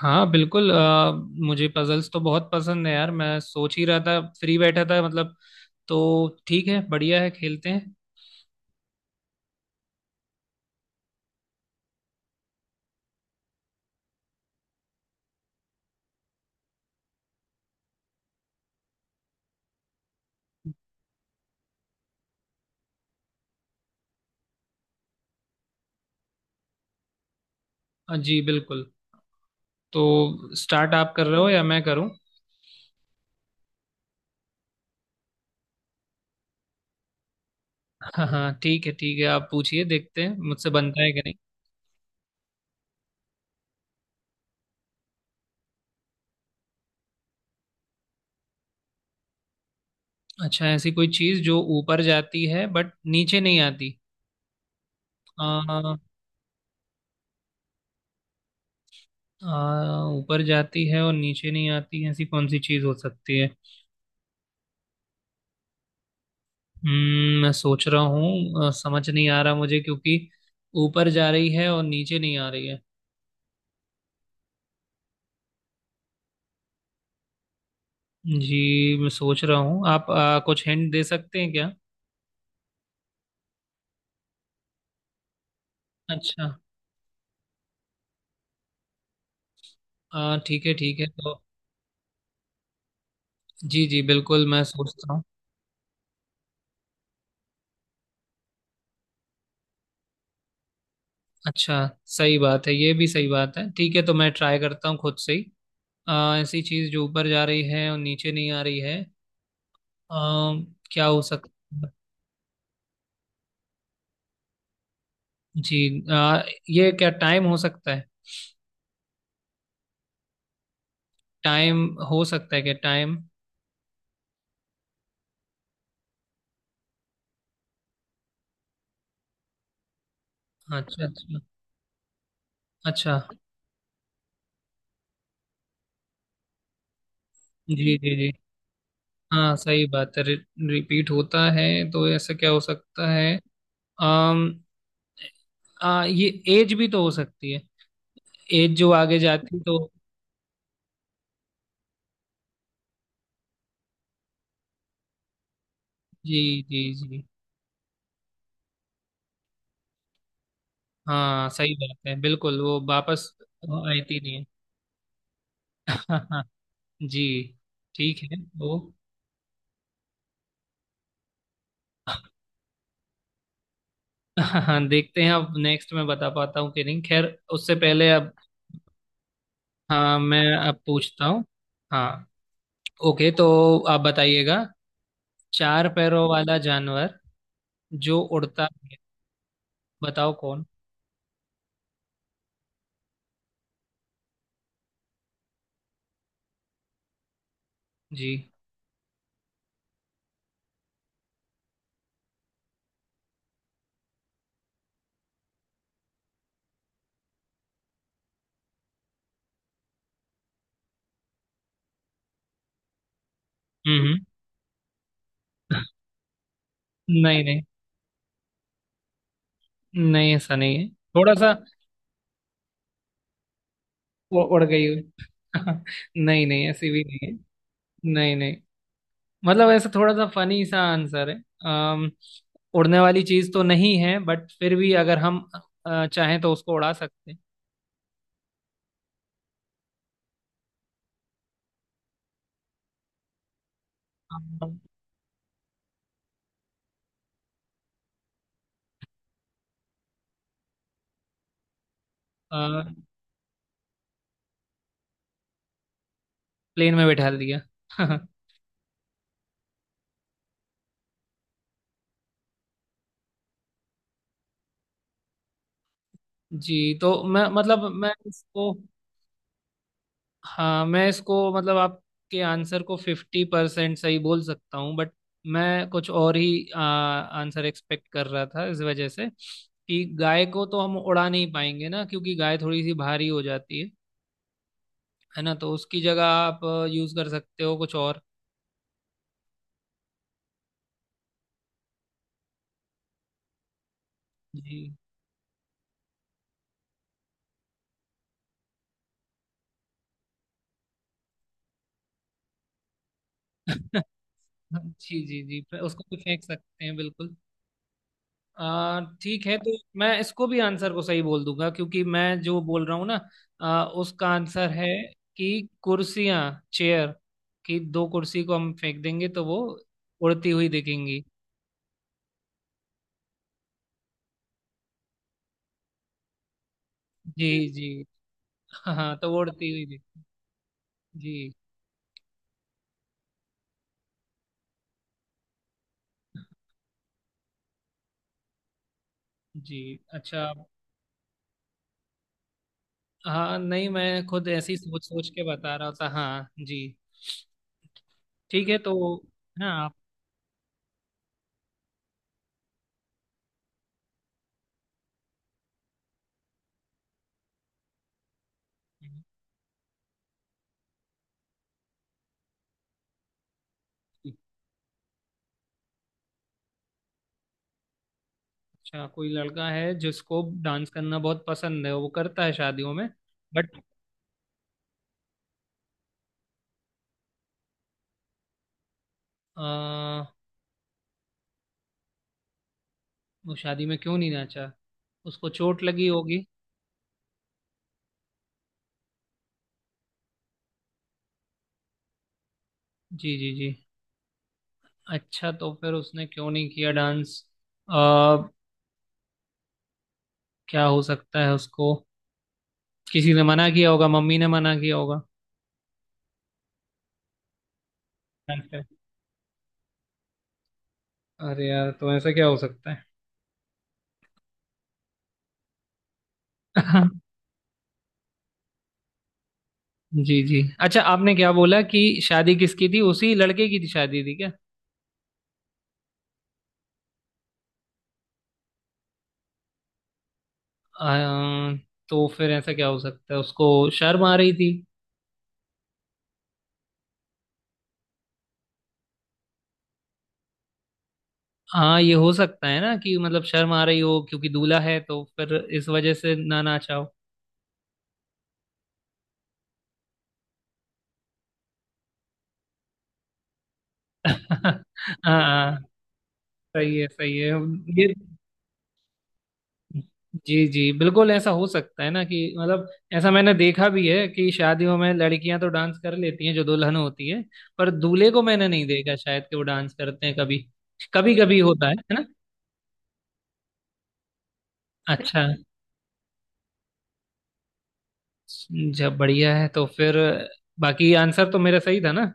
हाँ बिल्कुल मुझे पजल्स तो बहुत पसंद है यार। मैं सोच ही रहा था, फ्री बैठा था मतलब। तो ठीक है, बढ़िया है, खेलते हैं। हाँ जी बिल्कुल। तो स्टार्ट आप कर रहे हो या मैं करूँ? हाँ हाँ, ठीक है ठीक है, आप पूछिए, देखते हैं मुझसे बनता है कि नहीं। अच्छा, ऐसी कोई चीज़ जो ऊपर जाती है बट नीचे नहीं आती। आ, आ, ऊपर जाती है और नीचे नहीं आती, ऐसी कौन सी चीज़ हो सकती है? मैं सोच रहा हूँ। समझ नहीं आ रहा मुझे, क्योंकि ऊपर जा रही है और नीचे नहीं आ रही है। जी मैं सोच रहा हूँ। आप कुछ हिंट दे सकते हैं क्या? अच्छा। ठीक है तो। जी जी बिल्कुल, मैं सोचता हूँ। अच्छा, सही बात है, ये भी सही बात है। ठीक है, तो मैं ट्राई करता हूँ खुद से ही। ऐसी चीज़ जो ऊपर जा रही है और नीचे नहीं आ रही है। क्या हो सकता है। जी। अ, ये क्या टाइम हो सकता है? टाइम हो सकता है, क्या टाइम। अच्छा अच्छा। अच्छा। जी जी जी। हाँ सही बात है, रिपीट होता है। तो ऐसा क्या हो सकता है? अम ये एज भी तो हो सकती है। एज जो आगे जाती तो। जी जी जी। हाँ सही बात है, बिल्कुल, वो वापस आती नहीं है। जी, ठीक है वो। हाँ देखते हैं, अब नेक्स्ट मैं बता पाता हूँ कि नहीं। खैर, उससे पहले अब, हाँ, मैं अब पूछता हूँ। हाँ, ओके तो आप बताइएगा। चार पैरों वाला जानवर जो उड़ता है, बताओ कौन? जी। हम्म हम्म। नहीं नहीं, नहीं ऐसा नहीं है। थोड़ा सा, उड़ गई हुई। नहीं नहीं, ऐसी भी नहीं है। नहीं नहीं। मतलब ऐसा थोड़ा सा फनी सा आंसर है। अम, उड़ने वाली चीज तो नहीं है, बट फिर भी अगर हम चाहें तो उसको उड़ा सकते हैं। प्लेन में बैठा दिया। जी तो मैं मतलब मैं इसको, हाँ मैं इसको, मतलब आपके आंसर को फिफ्टी परसेंट सही बोल सकता हूँ। बट मैं कुछ और ही आंसर एक्सपेक्ट कर रहा था, इस वजह से कि गाय को तो हम उड़ा नहीं पाएंगे ना, क्योंकि गाय थोड़ी सी भारी हो जाती है ना। तो उसकी जगह आप यूज कर सकते हो कुछ और। जी। जी जी जी, उसको भी फेंक सकते हैं बिल्कुल। ठीक है, तो मैं इसको भी आंसर को सही बोल दूंगा, क्योंकि मैं जो बोल रहा हूँ ना उसका आंसर है कि कुर्सियां, चेयर की दो कुर्सी को हम फेंक देंगे तो वो उड़ती हुई दिखेंगी। जी जी। हाँ तो वो उड़ती हुई दिख। जी जी। अच्छा। हाँ नहीं, मैं खुद ऐसी सोच सोच के बता रहा था। हाँ जी, ठीक है तो। हाँ, आप। अच्छा, कोई लड़का है जिसको डांस करना बहुत पसंद है, वो करता है शादियों में। बट आ, वो शादी में क्यों नहीं नाचा? उसको चोट लगी होगी। जी जी जी। अच्छा तो फिर उसने क्यों नहीं किया डांस? आ, क्या हो सकता है उसको? किसी ने मना किया होगा, मम्मी ने मना किया होगा डांस पे। अरे यार, तो ऐसा क्या हो सकता है? जी जी। अच्छा, आपने क्या बोला, कि शादी किसकी थी, उसी लड़के की थी, शादी थी क्या? आ, तो फिर ऐसा क्या हो सकता है, उसको शर्म आ रही थी? हाँ ये हो सकता है ना, कि मतलब शर्म आ रही हो, क्योंकि दूल्हा है, तो फिर इस वजह से ना ना चाहो। हाँ। हाँ, सही है सही है। ये, जी जी बिल्कुल, ऐसा हो सकता है ना, कि मतलब ऐसा मैंने देखा भी है कि शादियों में लड़कियां तो डांस कर लेती हैं जो दुल्हन होती है, पर दूल्हे को मैंने नहीं देखा शायद कि वो डांस करते हैं। कभी कभी कभी होता है ना। अच्छा, जब बढ़िया है। तो फिर बाकी आंसर तो मेरा सही था ना?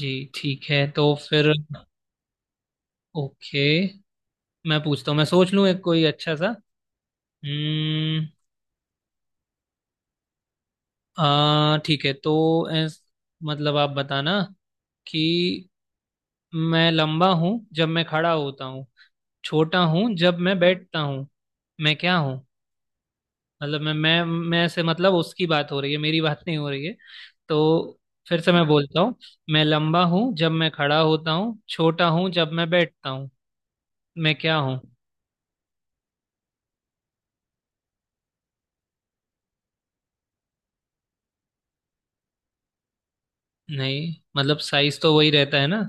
जी ठीक है, तो फिर। ओके, मैं पूछता हूँ, मैं सोच लूँ एक कोई अच्छा सा। हम्म। आ ठीक है तो ऐस, मतलब आप बताना कि मैं लंबा हूँ जब मैं खड़ा होता हूँ, छोटा हूँ जब मैं बैठता हूँ, मैं क्या हूँ? मतलब मैं, मैं से मतलब उसकी बात हो रही है, मेरी बात नहीं हो रही है। तो फिर से मैं बोलता हूँ, मैं लंबा हूँ जब मैं खड़ा होता हूँ, छोटा हूँ जब मैं बैठता हूँ, मैं क्या हूँ? नहीं मतलब साइज तो वही रहता है ना।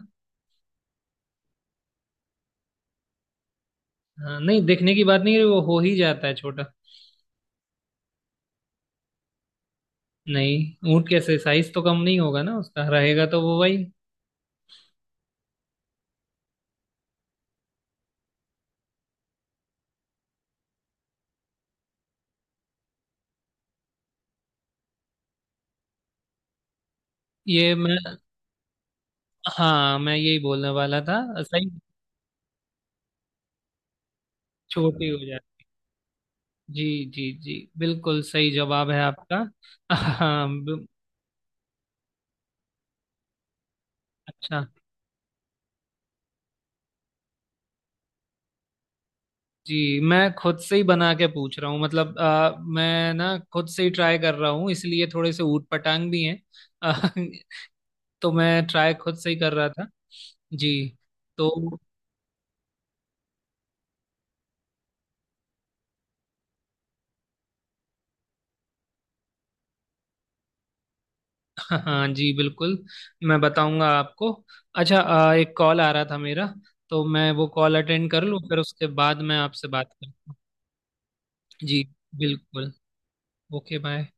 हाँ, नहीं दिखने की बात नहीं है, वो हो ही जाता है छोटा। नहीं ऊँट कैसे, साइज तो कम नहीं होगा ना उसका, रहेगा तो वो वही। ये मैं, हाँ मैं यही बोलने वाला था। साइज छोटी हो जाए। जी। जी जी बिल्कुल सही जवाब है आपका। हाँ अच्छा। जी मैं खुद से ही बना के पूछ रहा हूँ, मतलब मैं ना खुद से ही ट्राई कर रहा हूँ, इसलिए थोड़े से ऊट पटांग भी हैं। अ, तो मैं ट्राई खुद से ही कर रहा था। जी। तो हाँ जी बिल्कुल, मैं बताऊंगा आपको। अच्छा एक कॉल आ रहा था मेरा, तो मैं वो कॉल अटेंड कर लूँ, फिर उसके बाद मैं आपसे बात करता हूँ। जी बिल्कुल, ओके बाय।